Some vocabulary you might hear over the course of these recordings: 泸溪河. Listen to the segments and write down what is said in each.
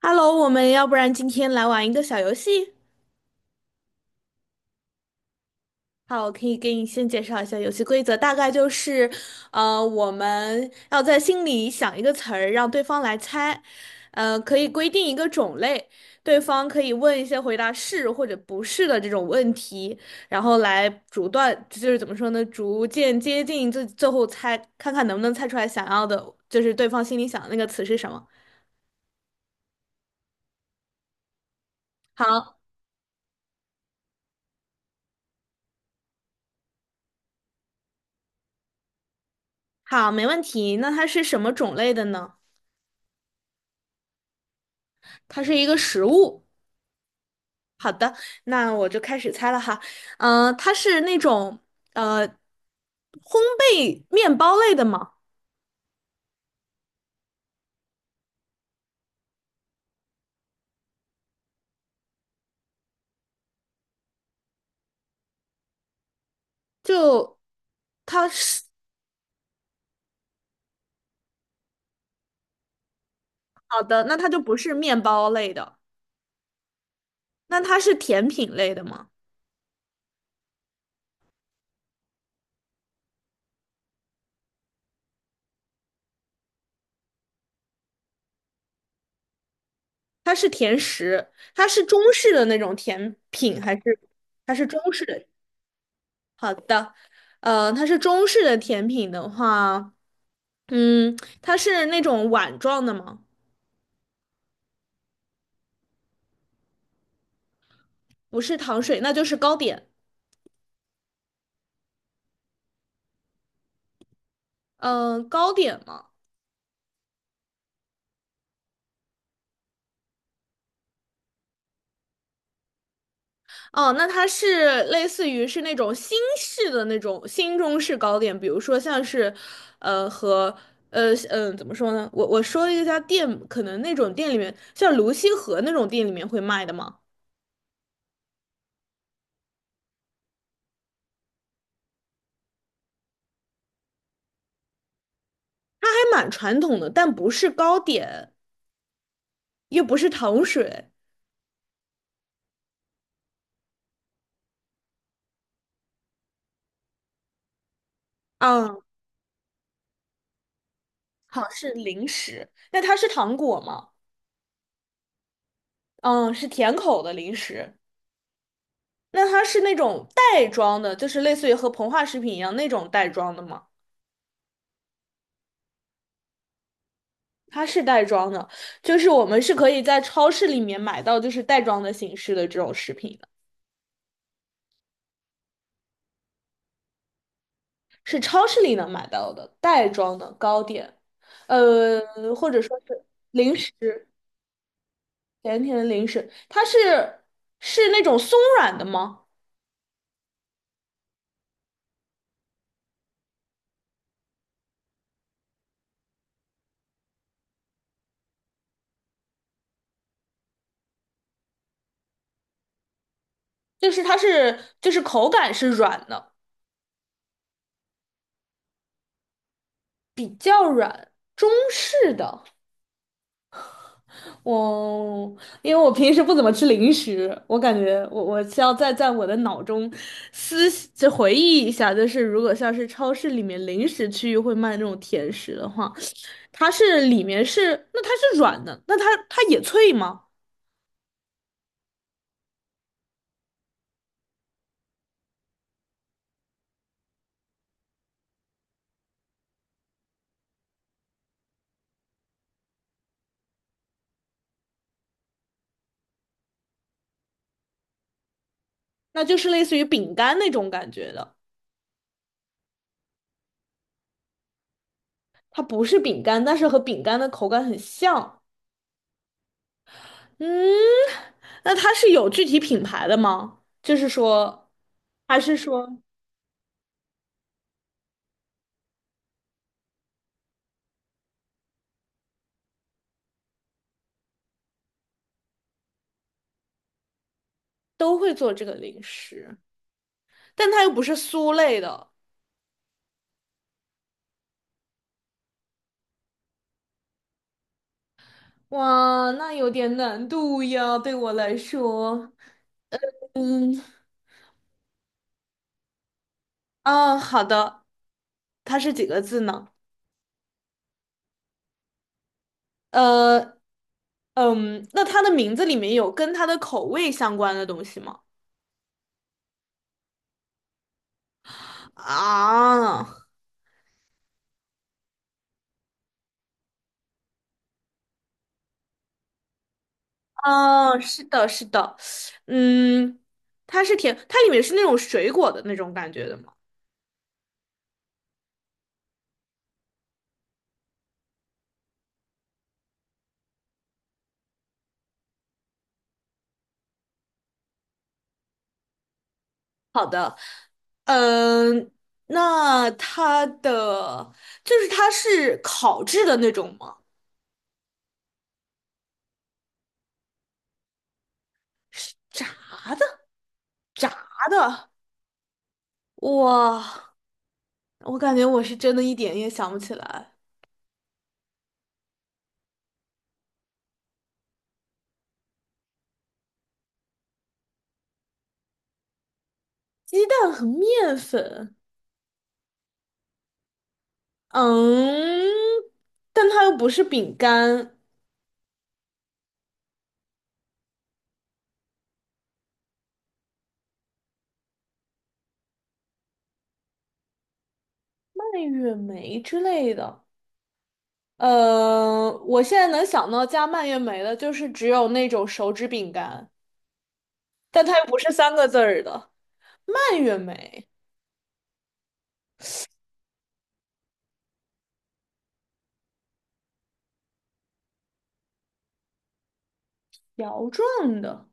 Hello，我们要不然今天来玩一个小游戏。好，我可以给你先介绍一下游戏规则，大概就是，我们要在心里想一个词儿，让对方来猜。可以规定一个种类，对方可以问一些回答是或者不是的这种问题，然后来逐段，就是怎么说呢，逐渐接近最最后猜，看看能不能猜出来想要的，就是对方心里想的那个词是什么。好，好，没问题。那它是什么种类的呢？它是一个食物。那我就开始猜了哈，嗯、它是那种烘焙面包类的吗？就它是好的，那它就不是面包类的，那它是甜品类的吗？它是甜食，它是中式的那种甜品，还是它是中式的？好的，它是中式的甜品的话，嗯，它是那种碗状的吗？不是糖水，那就是糕点。嗯、糕点嘛，哦，那它是类似于是那种新式的那种新中式糕点，比如说像是，呃，和怎么说呢？我说了一家店，可能那种店里面，像泸溪河那种店里面会卖的嘛，它还蛮传统的，但不是糕点，又不是糖水，嗯，好像是零食。那它是糖果吗？嗯，是甜口的零食。那它是那种袋装的，就是类似于和膨化食品一样那种袋装的吗？它是袋装的，就是我们是可以在超市里面买到，就是袋装的形式的这种食品的，是超市里能买到的袋装的糕点，呃，或者说是零食，甜甜的零食，它是那种松软的吗？就是它是就是口感是软的，比较软，中式的。我因为我平时不怎么吃零食，我感觉我需要再在我的脑中回忆一下，就是如果像是超市里面零食区域会卖那种甜食的话，它是里面是那它是软的，那它也脆吗？那就是类似于饼干那种感觉的，它不是饼干，但是和饼干的口感很像。嗯，那它是有具体品牌的吗？就是说，还是说都会做这个零食？但它又不是酥类的，哇，那有点难度呀，对我来说。嗯，啊，好的，它是几个字呢？呃，嗯，那它的名字里面有跟它的口味相关的东西吗？啊，啊，是的，是的，嗯，它是甜，它里面是那种水果的那种感觉的吗？好的，嗯，那它的就是它是烤制的那种吗？是炸的？炸的，哇，我感觉我是真的一点也想不起来。鸡蛋和面粉，嗯，但它又不是饼干，蔓越莓之类的。我现在能想到加蔓越莓的，就是只有那种手指饼干，但它又不是三个字儿的蔓越莓，条状的。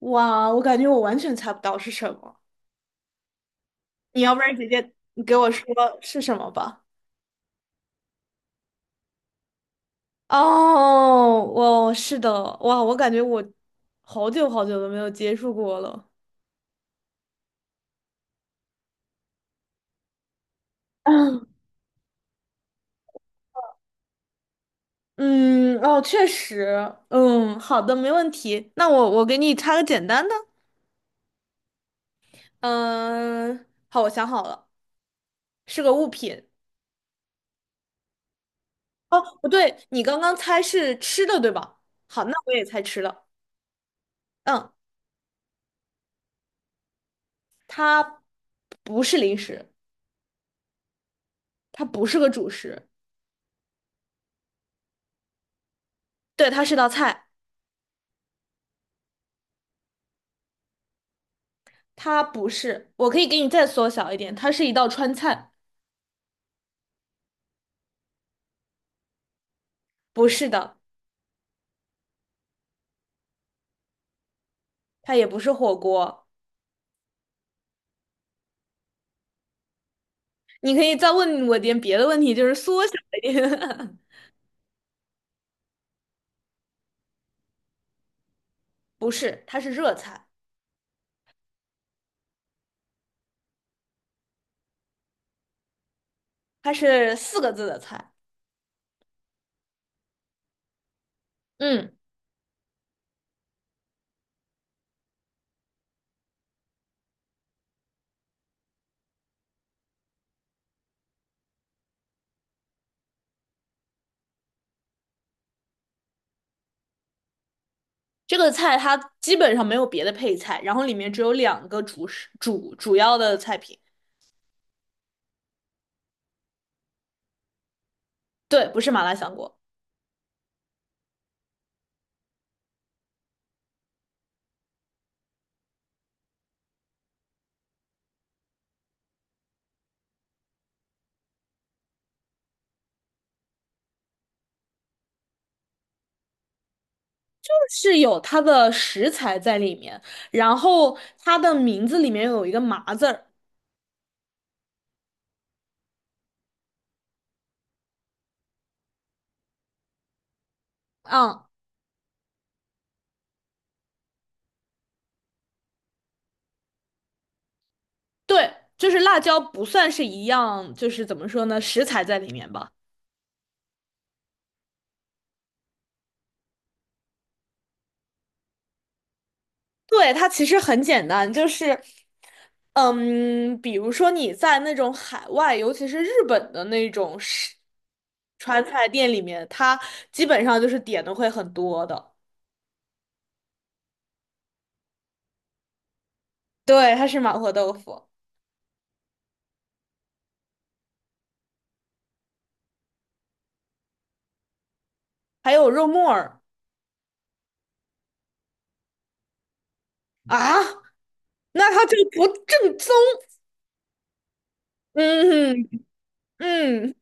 哇，我感觉我完全猜不到是什么。你要不然直接你给我说是什么吧。哦，哇，是的，哇，我感觉我好久好久都没有接触过了。嗯，嗯哦，确实，嗯，好的，没问题。那我给你插个简单的，嗯，好，我想好了，是个物品。哦，不对，你刚刚猜是吃的，对吧？好，那我也猜吃的。嗯，它不是零食，它不是个主食，对，它是道菜，它不是。我可以给你再缩小一点，它是一道川菜，不是的。它也不是火锅。你可以再问我点别的问题，就是缩小一点。不是，它是热菜，它是四个字的菜。嗯，这个菜它基本上没有别的配菜，然后里面只有两个主食主要的菜品。对，不是麻辣香锅，是有它的食材在里面，然后它的名字里面有一个“麻”字儿。嗯，对，就是辣椒不算是一样，就是怎么说呢，食材在里面吧。对，它其实很简单，就是，嗯，比如说你在那种海外，尤其是日本的那种是川菜店里面，它基本上就是点的会很多的。对，它是麻婆豆腐，还有肉末儿啊，那它就不正宗。嗯嗯，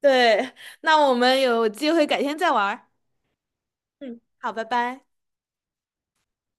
对，那我们有机会改天再玩儿嗯，好，拜拜。